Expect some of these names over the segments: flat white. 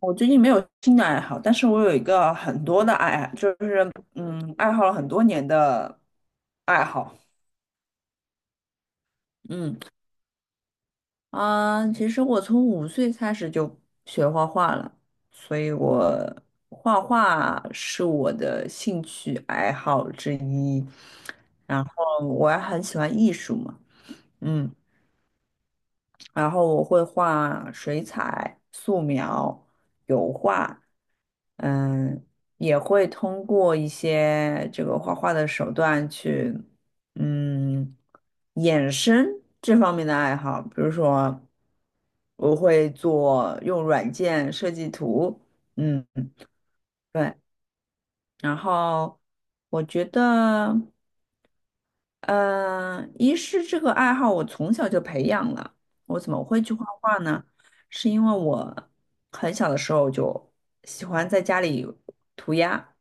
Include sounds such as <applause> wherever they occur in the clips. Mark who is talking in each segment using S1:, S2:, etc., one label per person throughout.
S1: 我最近没有新的爱好，但是我有一个很多的爱，爱好了很多年的爱好。嗯，其实我从5岁开始就学画画了，所以我画画是我的兴趣爱好之一。然后我还很喜欢艺术嘛，嗯。然后我会画水彩、素描、油画，嗯，也会通过一些这个画画的手段去，嗯，衍生这方面的爱好。比如说，我会做用软件设计图，嗯，对。然后我觉得。一是这个爱好我从小就培养了。我怎么会去画画呢？是因为我很小的时候就喜欢在家里涂鸦，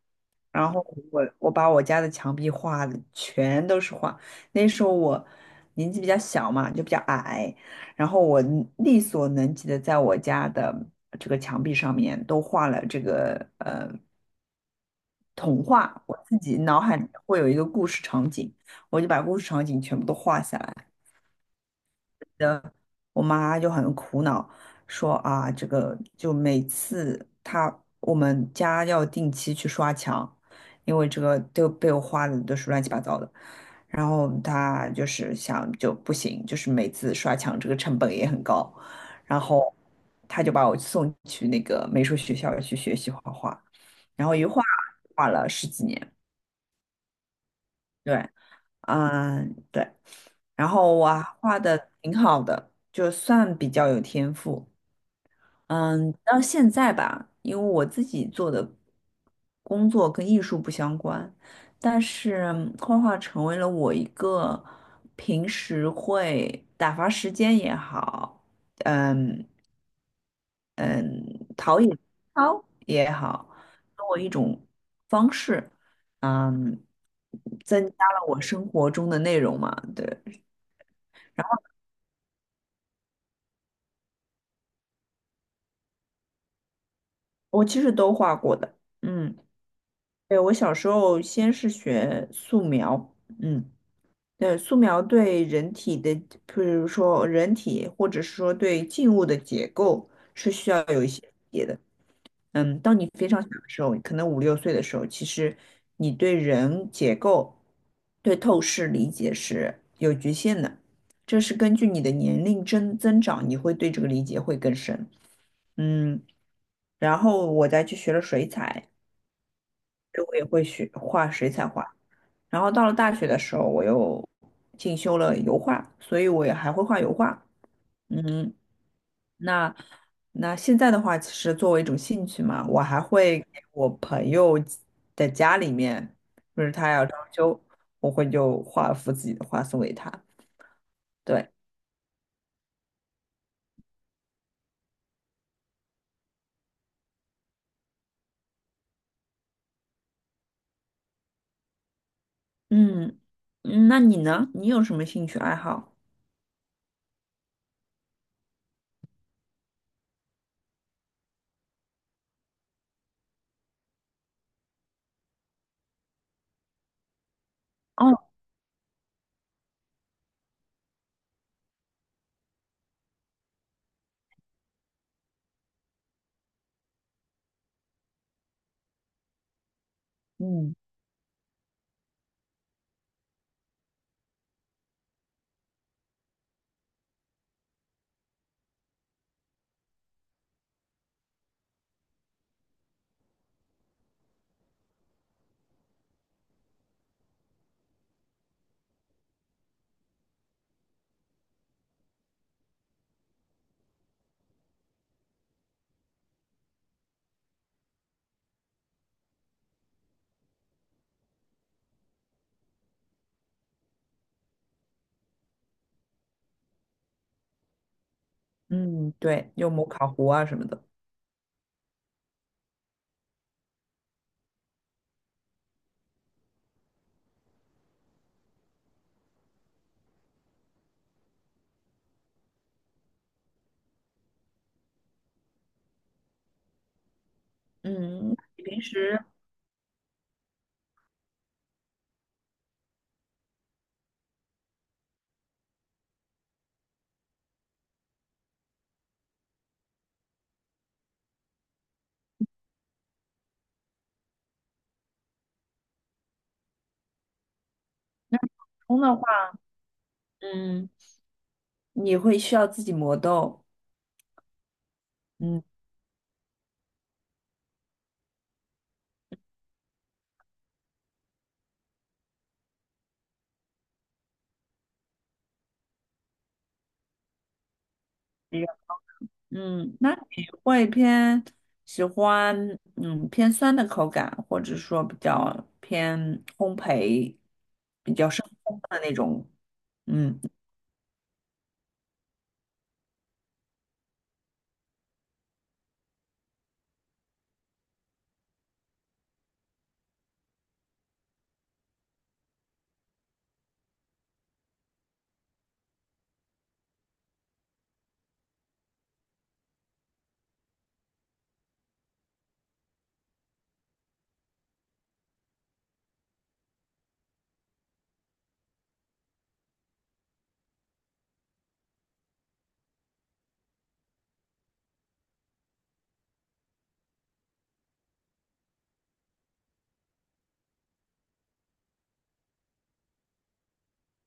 S1: 然后我把我家的墙壁画的全都是画。那时候我年纪比较小嘛，就比较矮，然后我力所能及的在我家的这个墙壁上面都画了这个童话，我自己脑海里会有一个故事场景，我就把故事场景全部都画下来。我妈就很苦恼，说啊，这个就每次她我们家要定期去刷墙，因为这个都被我画的都是乱七八糟的。然后她就是想就不行，就是每次刷墙这个成本也很高，然后她就把我送去那个美术学校去学习画画，然后一画画了10几年。对，嗯，对。然后我还画的挺好的，就算比较有天赋。嗯，到现在吧，因为我自己做的工作跟艺术不相关，但是画画成为了我一个平时会打发时间也好，嗯，好也好，跟我一种方式，嗯，增加了我生活中的内容嘛，对。我其实都画过的，嗯，对，我小时候先是学素描，嗯，对，素描对人体的，比如说人体或者是说对静物的结构是需要有一些理解的，嗯，当你非常小的时候，可能5、6岁的时候，其实你对人结构、对透视理解是有局限的，这是根据你的年龄增长，你会对这个理解会更深，嗯，然后我再去学了水彩。就我也会学画水彩画。然后到了大学的时候，我又进修了油画，所以我也还会画油画。嗯，那那现在的话，其实作为一种兴趣嘛，我还会给我朋友的家里面，就是他要装修，我会就画一幅自己的画送给他。对，嗯，嗯那你呢？你有什么兴趣爱好？哦，嗯嗯，对，就摩卡壶啊什么的。嗯，你平时？那普通的话，嗯，你会需要自己磨豆，嗯，这个嗯，那你会偏喜欢偏酸的口感，或者说比较偏烘焙，比较深烘的那种，嗯，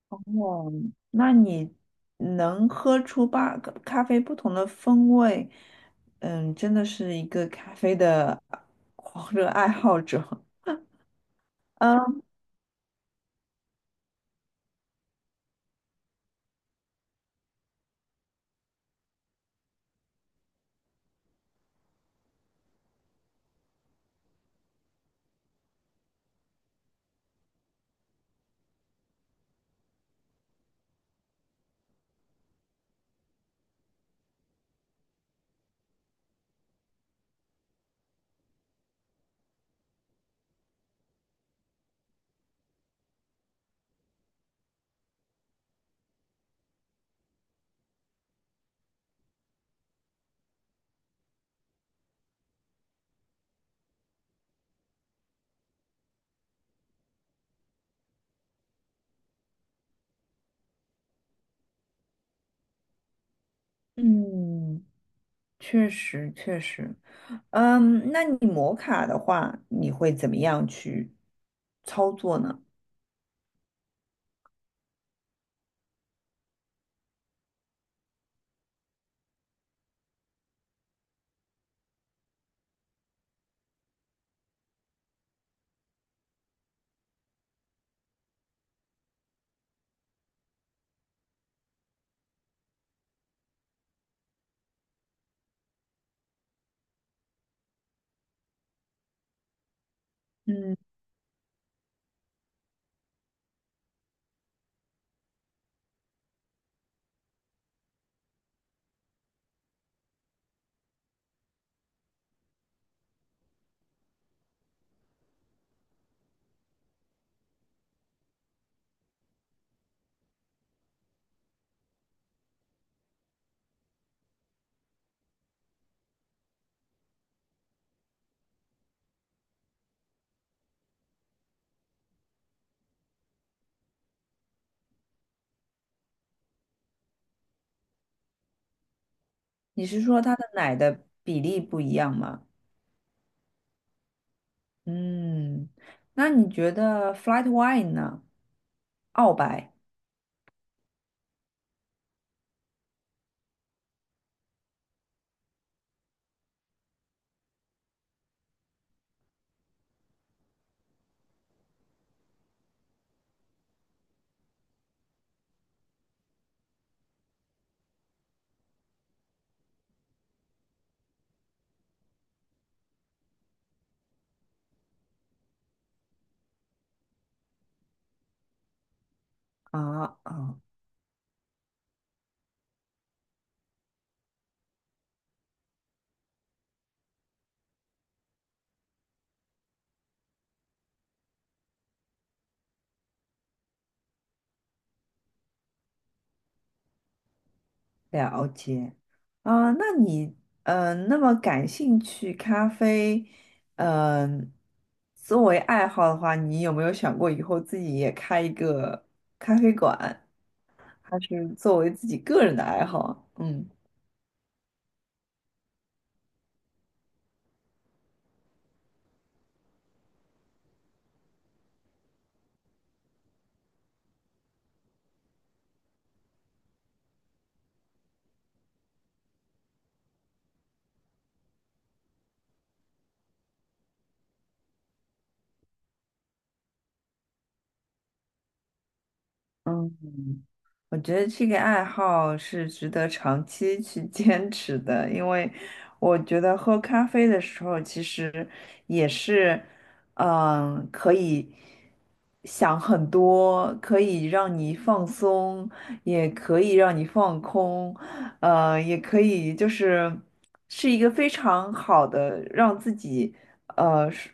S1: 哦，那你能喝出个咖啡不同的风味，嗯，真的是一个咖啡的狂热爱好者，嗯嗯，确实确实。嗯，那你摩卡的话，你会怎么样去操作呢？嗯，你是说它的奶的比例不一样吗？嗯，那你觉得 flat white 呢？澳白啊啊，了解啊。那你那么感兴趣咖啡，嗯、作为爱好的话，你有没有想过以后自己也开一个咖啡馆，还是作为自己个人的爱好？嗯。嗯，我觉得这个爱好是值得长期去 <laughs> 坚持的，因为我觉得喝咖啡的时候，其实也是，嗯，可以想很多，可以让你放松，也可以让你放空，也可以，就是是一个非常好的让自己呃是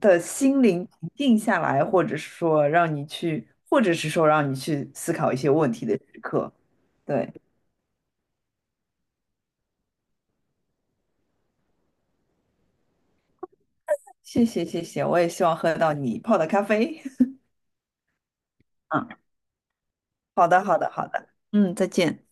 S1: 的心灵平静下来，或者是说让你去，或者是说让你去思考一些问题的时刻。对，谢谢谢谢，我也希望喝到你泡的咖啡。<laughs> 嗯，好的好的好的，嗯，再见。